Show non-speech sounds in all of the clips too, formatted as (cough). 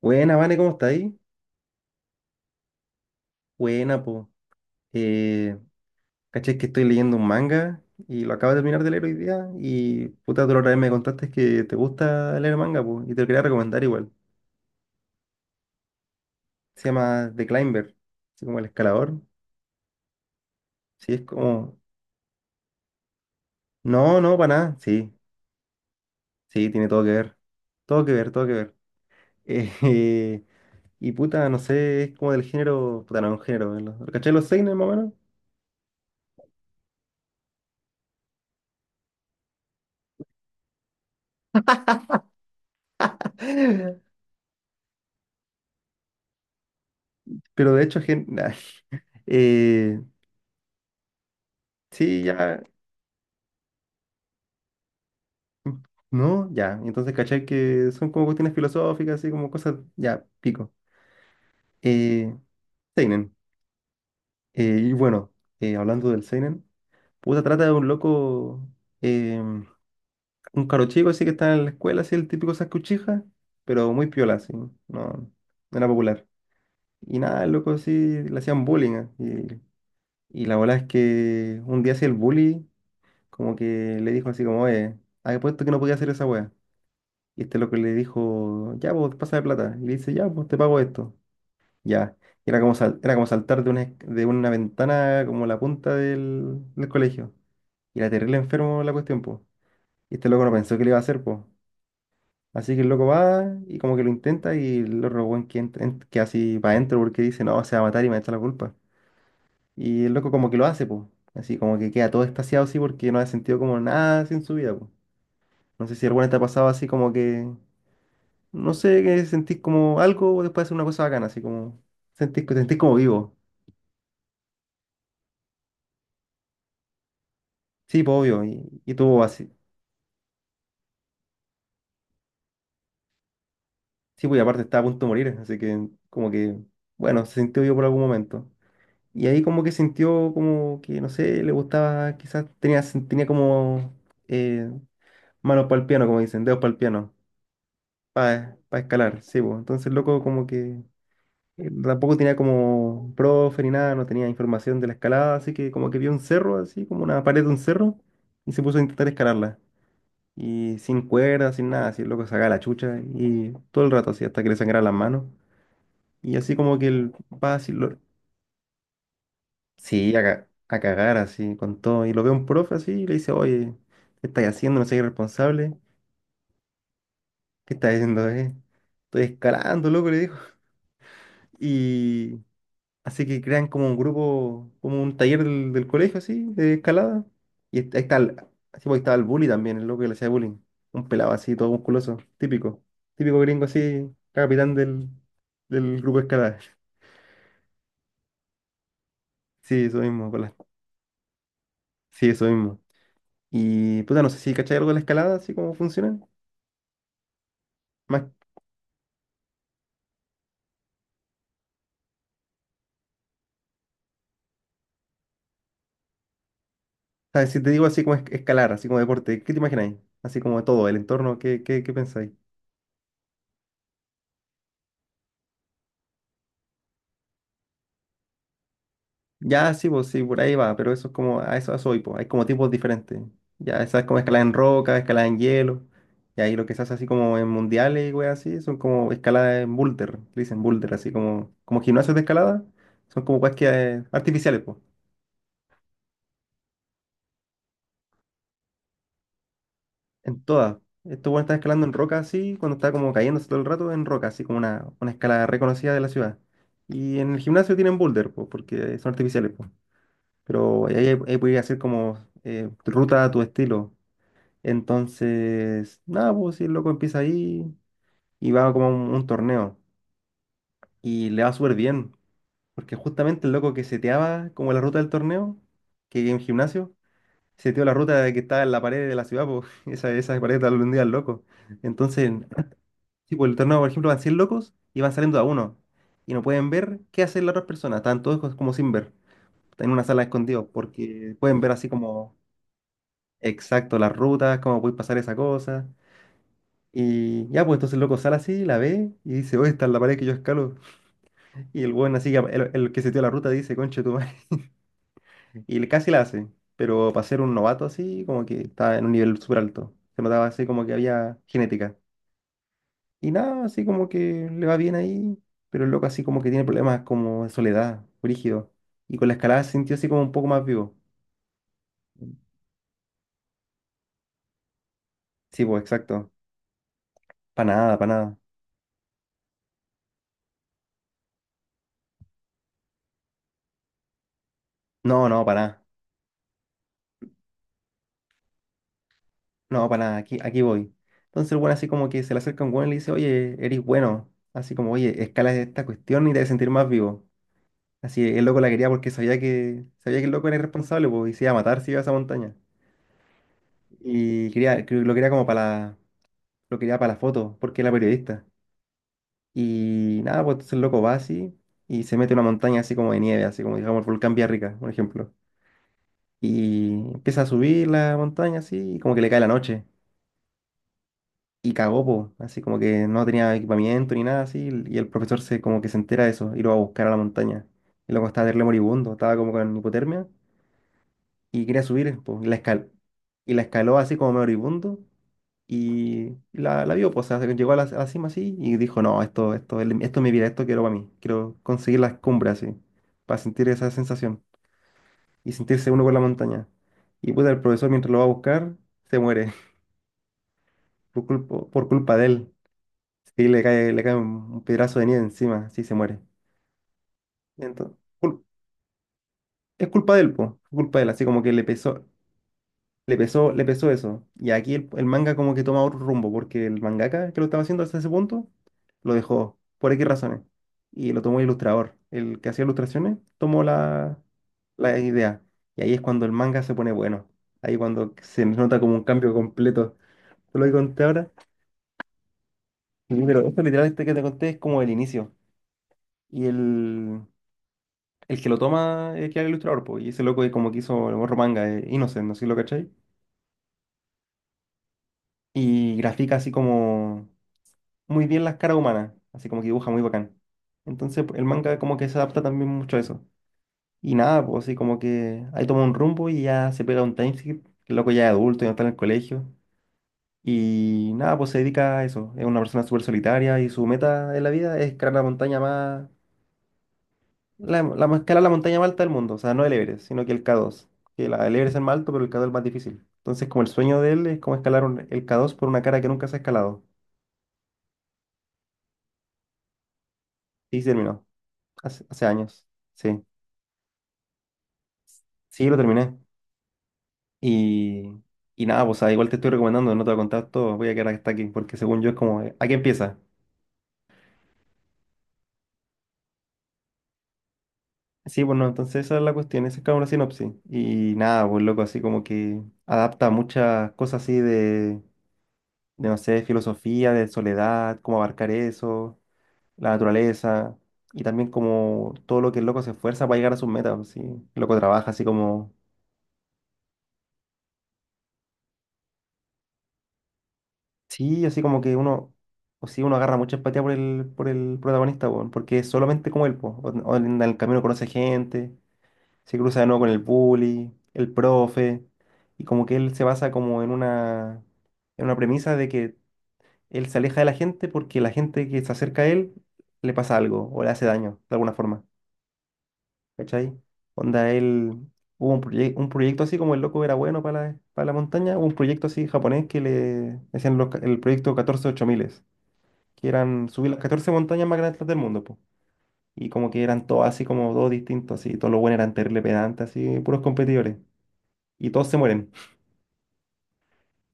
Buena, Vane, ¿cómo está ahí? Buena, po. Eh, caché que estoy leyendo un manga y lo acabo de terminar de leer hoy día. Y puta, tú la otra vez me contaste que te gusta leer manga, po. Y te lo quería recomendar igual. Se llama The Climber, así como el escalador. Sí, es como. No, no, para nada. Sí, sí, tiene todo que ver. Todo que ver, todo que ver. Eh, (laughs) eh, y puta, no sé, es como del género. Puta, no es un género. ¿Lo caché los seinen más o menos? (laughs) Pero de hecho, (laughs) Eh, sí, ya. No, ya. Entonces, ¿cachai? Que son como cuestiones filosóficas, así como cosas, ya, pico. Eh, Seinen. Y bueno, hablando del Seinen, puta, trata de un loco, eh, un caro chico, así que está en la escuela, así el típico Sasuke Uchiha, pero muy piola, así. No, no era popular. Y nada, el loco así le hacían bullying. eh, y la bola es que un día así el bully, como que le dijo así como, había puesto que no podía hacer esa wea. Y este loco le dijo, ya, vos, pásame plata. Y le dice, ya, pues te pago esto. Ya. Y era como, era como saltar de una, de una ventana como la punta del, del colegio. Y era terrible enfermo la cuestión, pues. Y este loco no pensó que le iba a hacer, pues. Así que el loco va y como que lo intenta y el otro weón que, que así va adentro porque dice, no, se va a matar y me va a echar la culpa. Y el loco como que lo hace, pues. Así como que queda todo extasiado así porque no ha sentido como nada sin su vida, pues. No sé si alguna te ha pasado así como que... No sé, que sentís como algo después de hacer una cosa bacana, así como sentís, sentís como vivo. Sí, pues obvio, y tuvo así. Sí, pues y aparte estaba a punto de morir, así que como que, bueno, se sintió vivo por algún momento. Y ahí como que sintió como que, no sé, le gustaba, quizás tenía, tenía como eh, manos para el piano, como dicen, dedos para el piano, para escalar, sí, pues. Entonces, loco, como que tampoco tenía como profe ni nada, no tenía información de la escalada, así que como que vio un cerro, así como una pared de un cerro, y se puso a intentar escalarla. Y sin cuerda, sin nada, así el loco sacaba la chucha y todo el rato así hasta que le sangraran las manos. Y así como que él va así, sí, a cagar así con todo. Y lo ve un profe así y le dice, oye, ¿qué estás haciendo? No soy irresponsable. ¿Qué estás haciendo, eh? Estoy escalando, loco, le dijo. (laughs) y Así que crean como un grupo, como un taller del, del colegio, así, de escalada. Y ahí está el, así, pues, ahí estaba el bully también, el loco que le hacía bullying. Un pelado así, todo musculoso, típico. Típico gringo así, capitán del, del grupo de escalada. (laughs) Sí, eso mismo, Nicolás. Sí, eso mismo. Y puta, no sé si cachai algo de la escalada, así como funciona. Más, ¿sabes? Si te digo así como escalar, así como deporte, ¿qué te imagináis? Así como todo, el entorno, qué pensáis? Ya, sí, pues sí, por ahí va, pero eso es como, a eso voy, pues, hay como tipos diferentes. Ya, esa es como escalada en roca, escalada en hielo, y ahí lo que se hace así como en mundiales y weas así, son como escaladas en boulder, le dicen boulder, así como, como gimnasios de escalada, son como weas que, artificiales, pues, en todas. Esto bueno están escalando en roca así, cuando está como cayéndose todo el rato, en roca, así como una escalada reconocida de la ciudad. Y en el gimnasio tienen boulder, pues, porque son artificiales, pues. Pero ahí, ahí puedes hacer como ruta a tu estilo. Entonces, nada, pues si el loco empieza ahí y va como a un torneo y le va súper bien, porque justamente el loco que seteaba como la ruta del torneo, que en gimnasio, seteó la ruta de que estaba en la pared de la ciudad, pues (laughs) esa pared está día al loco. Entonces, si por el torneo, por ejemplo, van 100 locos y van saliendo a uno y no pueden ver qué hacen las otras personas, están todos como sin ver, están en una sala escondidos porque pueden ver así como exacto las rutas, cómo puede pasar esa cosa. Y ya, pues entonces el loco sale así, la ve y dice, oye, está en la pared que yo escalo. Y el weón así, que el que se dio la ruta dice, conche tu madre. (laughs) Casi la hace, pero para ser un novato así, como que estaba en un nivel súper alto. Se notaba así como que había genética. Y nada, así como que le va bien ahí, pero el loco así como que tiene problemas como de soledad, rígido. Y con la escalada se sintió así como un poco más vivo. Sí, pues exacto. Para nada, para nada. No, no, para nada. No, para nada, aquí, aquí voy. Entonces el weón así como que se le acerca un weón y le dice, oye, eres bueno. Así como, oye, escala esta cuestión y te vas a sentir más vivo. Así el loco la quería porque sabía que el loco era irresponsable, pues, y se iba a matar si iba a esa montaña. Y quería, creo que lo quería como para la, lo quería para la foto, porque era periodista. Y nada, pues entonces el loco va así y se mete a una montaña así como de nieve, así como digamos el volcán Villarrica, por ejemplo. Y empieza a subir la montaña así y como que le cae la noche. Y cagó, po, así como que no tenía equipamiento ni nada así, y el profesor se como que se entera de eso y lo va a buscar a la montaña. Y luego estaba terrible moribundo, estaba como con hipotermia y quería subir, po, y la y la escaló así como moribundo y la vio, pues, o sea, llegó a la cima así y dijo, no, esto, esto es mi vida, esto quiero para mí, quiero conseguir las cumbres así, para sentir esa sensación y sentirse uno con la montaña. Y pues el profesor mientras lo va a buscar, se muere (laughs) por culpa de él. Sí, le cae un pedazo de nieve encima, sí se muere. Entonces, es culpa de él, po, es culpa de él, así como que le pesó, le pesó eso. Y aquí el manga como que toma otro rumbo, porque el mangaka que lo estaba haciendo hasta ese punto, lo dejó, por X razones. Y lo tomó el ilustrador. El que hacía ilustraciones tomó la, la idea. Y ahí es cuando el manga se pone bueno. Ahí cuando se nota como un cambio completo. ¿Te lo que conté ahora? Sí, pero esto literal este que te conté es como el inicio. Y el que lo toma es que era el ilustrador, pues, y ese loco es como que hizo el morro manga, Innocent, no sé si lo cachai. Y grafica así como muy bien las caras humanas, así como que dibuja muy bacán. Entonces el manga como que se adapta también mucho a eso. Y nada, pues así como que ahí toma un rumbo y ya se pega un timeskip, que el loco ya es adulto, ya no está en el colegio. Y nada, pues se dedica a eso. Es una persona súper solitaria y su meta en la vida es crear la montaña más. La más escala es la montaña más alta del mundo, o sea, no el Everest, sino que el K2. Que la, el Everest es el más alto, pero el K2 es el más difícil. Entonces, como el sueño de él es como escalar el K2 por una cara que nunca se ha escalado. Y se terminó, hace, hace años. Sí, sí, lo terminé. Y, y nada, pues, o sea, igual te estoy recomendando, no te voy a contar todo, voy a quedar hasta aquí, porque según yo es como, ¿a empieza? Sí, bueno, entonces esa es la cuestión, esa es como una sinopsis. Y nada, pues loco, así como que adapta muchas cosas así de no sé, filosofía, de soledad, cómo abarcar eso la naturaleza y también como todo lo que el loco se esfuerza para llegar a sus metas. Así, el loco trabaja así como, sí, así como que uno, o sí, uno agarra mucha empatía por el protagonista, weón, porque es solamente como él, po. O en el camino conoce gente, se cruza de nuevo con el bully, el profe, y como que él se basa como en una premisa de que él se aleja de la gente porque la gente que se acerca a él le pasa algo o le hace daño de alguna forma. ¿Cachai? Onda, hubo un proyecto así como el loco era bueno para la montaña. Hubo un proyecto así japonés que le decían el proyecto 14 ocho miles, que eran subir las 14 montañas más grandes del mundo, po. Y como que eran todos así como todos distintos, así, todos los buenos eran terrible pedantes, así, puros competidores. Y todos se mueren.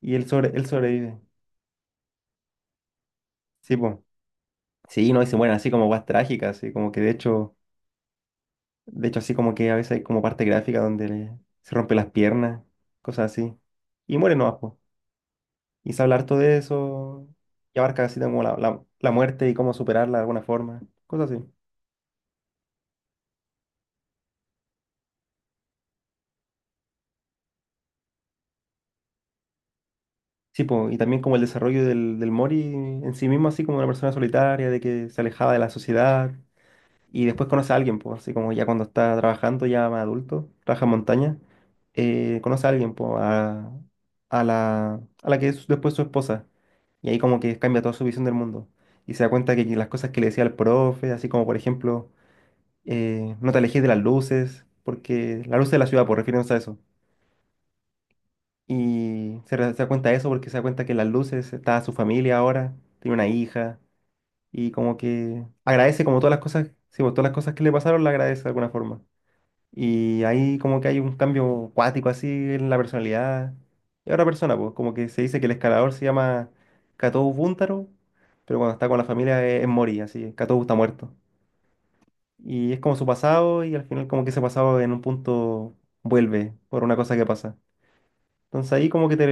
Y él sobrevive. Sí, po. Sí, no, y se mueren así como guas trágicas, así como que de hecho así como que a veces hay como parte gráfica donde se rompe las piernas, cosas así. Y mueren nomás, po. Y se habla harto de eso y abarca así como la muerte y cómo superarla de alguna forma, cosas así. Sí, po, y también como el desarrollo del Mori en sí mismo, así como una persona solitaria, de que se alejaba de la sociedad y después conoce a alguien, pues, así como ya cuando está trabajando, ya más adulto, trabaja en montaña, conoce a alguien, pues, a la que es después su esposa. Y ahí como que cambia toda su visión del mundo. Y se da cuenta que las cosas que le decía el profe, así como por ejemplo no te alejes de las luces, porque la luz de la ciudad, por refiriéndose a eso. Y se da cuenta de eso porque se da cuenta que en las luces está su familia ahora, tiene una hija, y como que agradece como todas las cosas, sí, pues, todas las cosas que le pasaron, la agradece de alguna forma. Y ahí como que hay un cambio cuático así en la personalidad. Y otra persona, pues, como que se dice que el escalador se llama Katou Buntaro, pero cuando está con la familia es Mori, así. Katou está muerto. Y es como su pasado y al final como que ese pasado, en un punto, vuelve por una cosa que pasa. Entonces ahí como que te,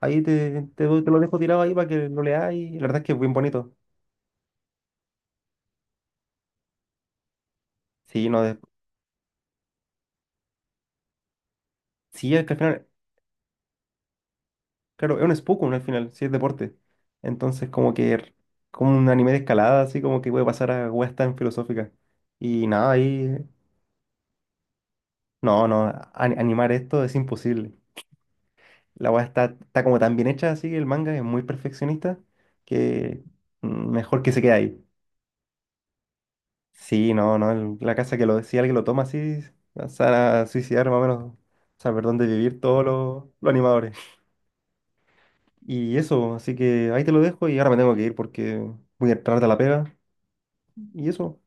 ahí te lo dejo tirado ahí para que lo leas, y la verdad es que es bien bonito. Sí, no, sí, es que al final, claro, es un Spokon al final, sí es deporte. Entonces como que como un anime de escalada, así como que puede pasar a weas tan filosóficas. Y nada, ahí, no, no, animar esto es imposible. La wea está, está como tan bien hecha así, el manga es muy perfeccionista que mejor que se quede ahí. Sí, no, no, la casa que lo decía, alguien lo toma así, se van a suicidar más o menos, saber dónde vivir todos los animadores. Y eso, así que ahí te lo dejo y ahora me tengo que ir porque voy a tarde a la pega. Y eso,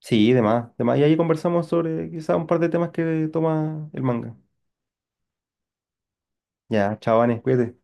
sí, demás, demás. Y ahí conversamos sobre quizás un par de temas que toma el manga. Ya, chao, Vanes, cuídate.